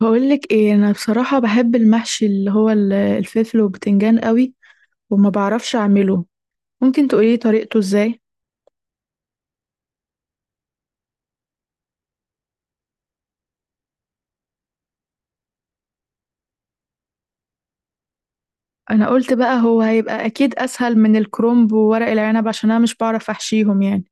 بقولك ايه، انا بصراحة بحب المحشي اللي هو الفلفل والبتنجان قوي، وما بعرفش اعمله. ممكن تقولي طريقته ازاي؟ انا قلت بقى هو هيبقى اكيد اسهل من الكرنب وورق العنب، عشان انا مش بعرف احشيهم يعني.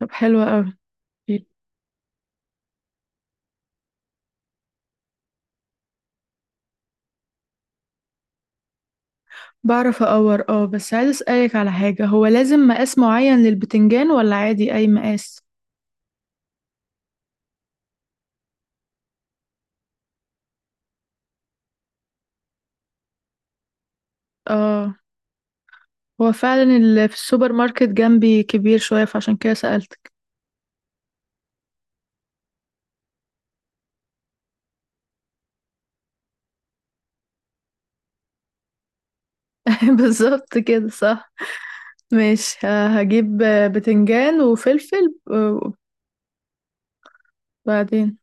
طب، حلو قوي. بعرف اقور، اه، بس عايز اسألك على حاجة. هو لازم مقاس معين للبتنجان، ولا عادي اي مقاس؟ اه، هو فعلا اللي في السوبر ماركت جنبي كبير شوية، فعشان كده سألتك. بالظبط كده، صح. ماشي، هجيب بتنجان وفلفل وبعدين؟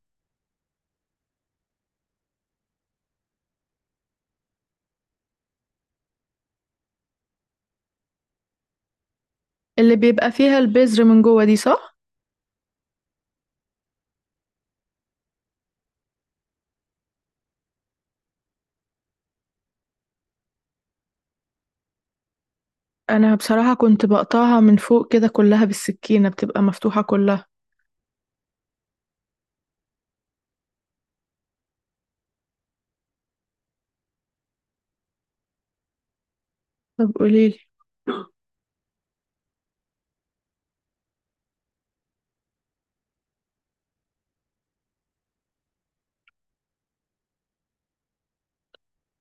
اللي بيبقى فيها البذر من جوه دي، صح؟ انا بصراحة كنت بقطعها من فوق كده كلها بالسكينة، بتبقى مفتوحة كلها. طب قوليلي.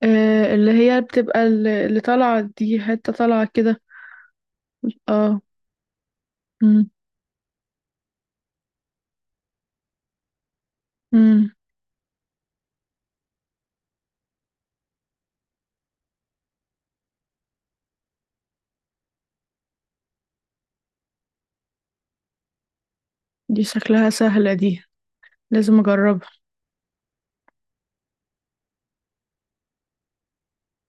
آه، اللي هي بتبقى اللي طالعة دي، حتة طالعة كده. اه. مم. مم. دي شكلها سهلة دي، لازم اجربها.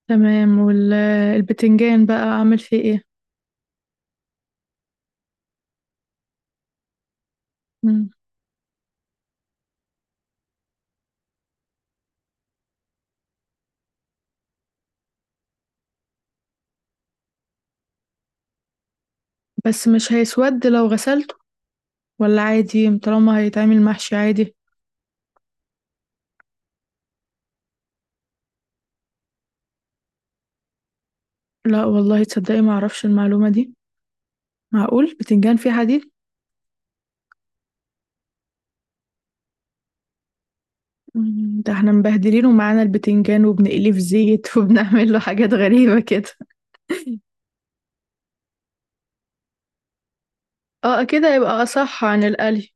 تمام، والبتنجان بقى اعمل فيه ايه؟ مم. بس مش هيسود لو غسلته، ولا عادي طالما هيتعمل محشي عادي؟ لا والله، تصدقي ما اعرفش المعلومة دي. معقول بتنجان فيه حديد؟ مم، ده احنا مبهدلينه معانا البتنجان وبنقليه في زيت وبنعمل له حاجات غريبة كده. اه، كده يبقى اصح عن القلي.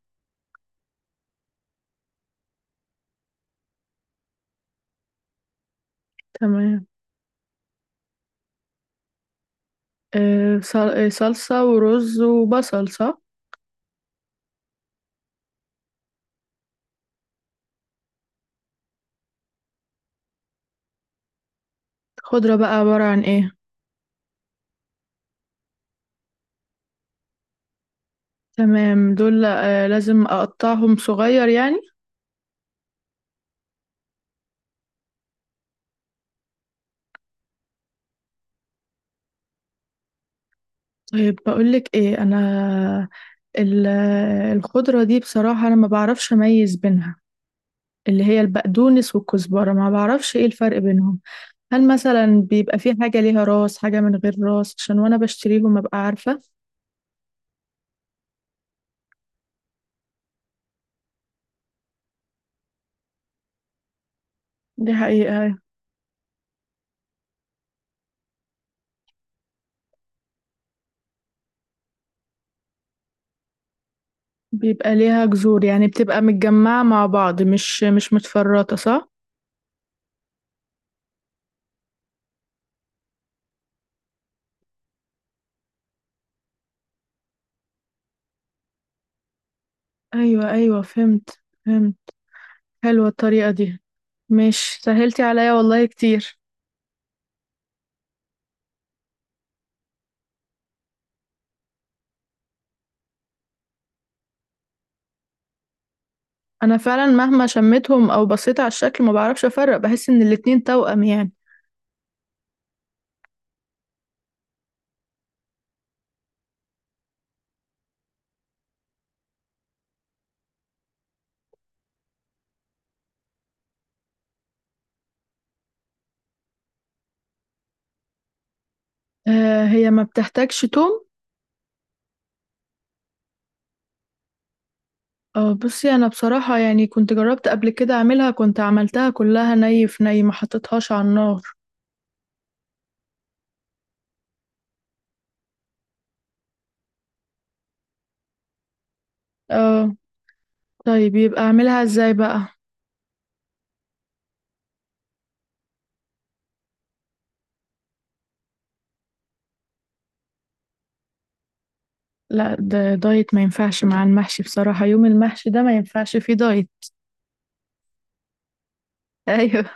تمام. صلصة ورز وبصل، صح؟ خضرة بقى عبارة عن ايه؟ تمام دول، لازم اقطعهم صغير يعني. طيب بقولك ايه، انا ال- الخضرة دي بصراحة انا ما بعرفش اميز بينها، اللي هي البقدونس والكزبرة، ما بعرفش ايه الفرق بينهم. هل مثلا بيبقى في حاجة ليها راس، حاجة من غير راس، عشان وانا بشتريهم ابقى عارفة؟ دي حقيقة. بيبقى ليها جذور، يعني بتبقى متجمعة مع بعض، مش متفرطة، صح؟ ايوه ايوه، فهمت، فهمت. حلوة الطريقة دي، مش سهلتي عليا والله كتير. انا فعلا مهما شميتهم او بصيت على الشكل ما بعرفش افرق، بحس ان الاتنين توأم يعني. آه، هي ما بتحتاجش توم. اه، بصي، انا بصراحة يعني كنت جربت قبل كده اعملها، كنت عملتها كلها ني في ني، ما حطيتهاش على النار. اه. طيب يبقى اعملها ازاي بقى؟ لا، ده دايت ما ينفعش مع المحشي بصراحة، يوم المحشي ده ما ينفعش فيه دايت. ايوه.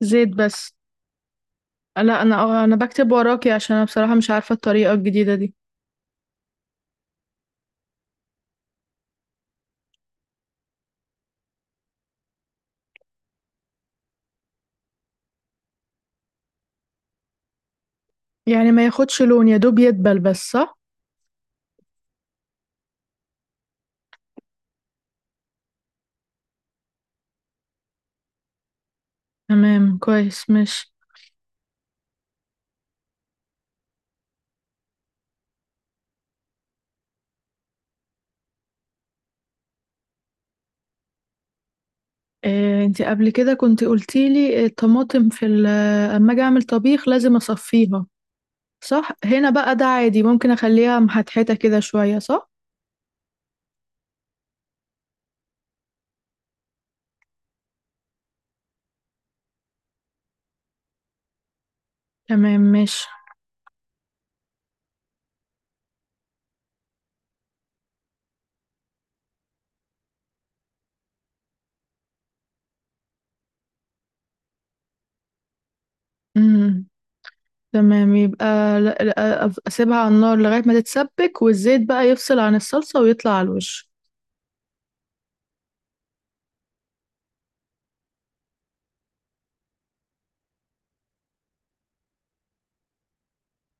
زيت بس؟ لا، انا بكتب وراكي عشان انا بصراحة مش عارفة الطريقة الجديدة دي. يعني ما ياخدش لون، يا دوب يدبل بس، صح؟ تمام كويس. مش، إيه، انتي قبل كده كنت قلتيلي الطماطم. اما اجي اعمل طبيخ لازم اصفيها، صح. هنا بقى ده عادي، ممكن اخليها محتحته كده شويه، صح؟ تمام ماشي. امم تمام يبقى، لا، اسيبها على النار لغايه ما تتسبك، والزيت بقى يفصل عن الصلصه ويطلع على الوش.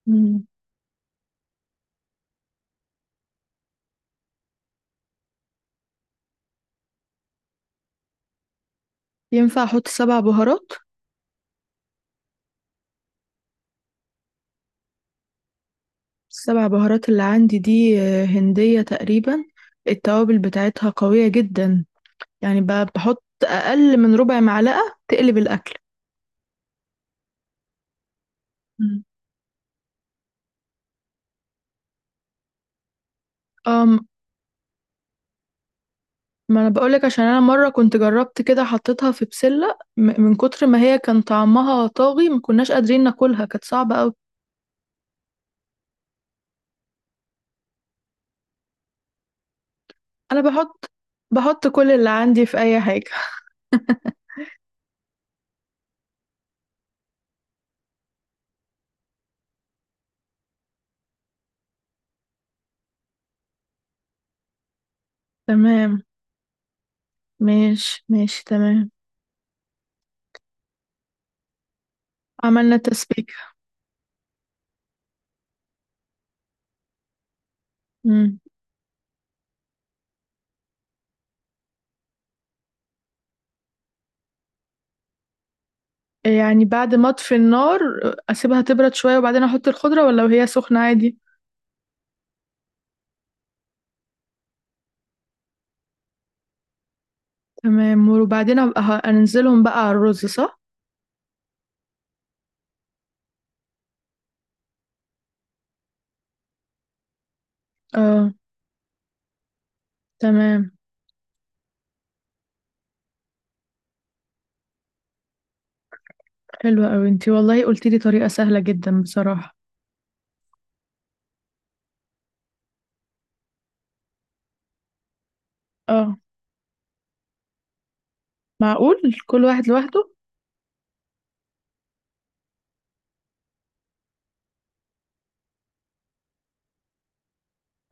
امم ينفع احط سبع بهارات؟ السبع بهارات اللي عندي دي هنديه تقريبا، التوابل بتاعتها قويه جدا، يعني بحط اقل من ربع معلقه تقلب الاكل. أم ما انا بقولك، عشان انا مره كنت جربت كده حطيتها في بسله من كتر ما هي كان طعمها طاغي، ما كناش قادرين ناكلها، كانت صعبه قوي. انا بحط كل اللي عندي في اي حاجه. تمام، ماشي ماشي، تمام. عملنا تسبيكه. امم يعني بعد ما اطفي النار اسيبها تبرد شويه وبعدين احط الخضره، ولا وهي سخنه عادي؟ تمام، وبعدين ابقى انزلهم بقى على الرز، صح؟ اه، تمام. حلوه قوي انتي والله، قلتيلي طريقه سهله جدا بصراحه. اه. معقول. كل واحد لوحده.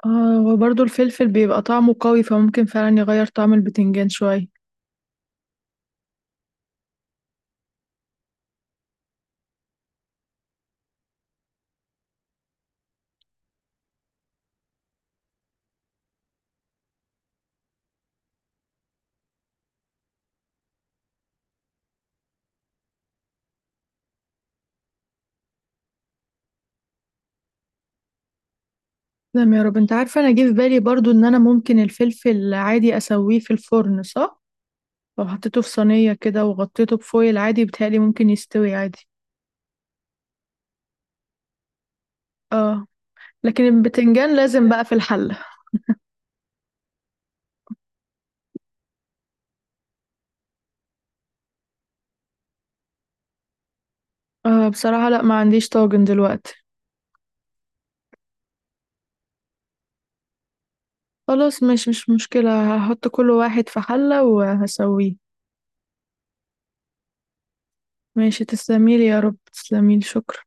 اه، وبرضه الفلفل بيبقى طعمه قوي، فممكن فعلا يغير طعم البتنجان شوية. تمام يا رب، انت عارفة انا جه في بالي برضه ان انا ممكن الفلفل عادي اسويه في الفرن صح، لو حطيته في صينية كده وغطيته بفويل عادي، بيتهيألي ممكن يستوي عادي. اه. لكن البتنجان لازم بقى في الحلة. آه، بصراحة لا، ما عنديش طاجن دلوقتي. خلاص ماشي، مش مشكلة، هحط كل واحد في حلة وهسويه. ماشي، تسلميلي يا رب، تسلميلي، شكرا.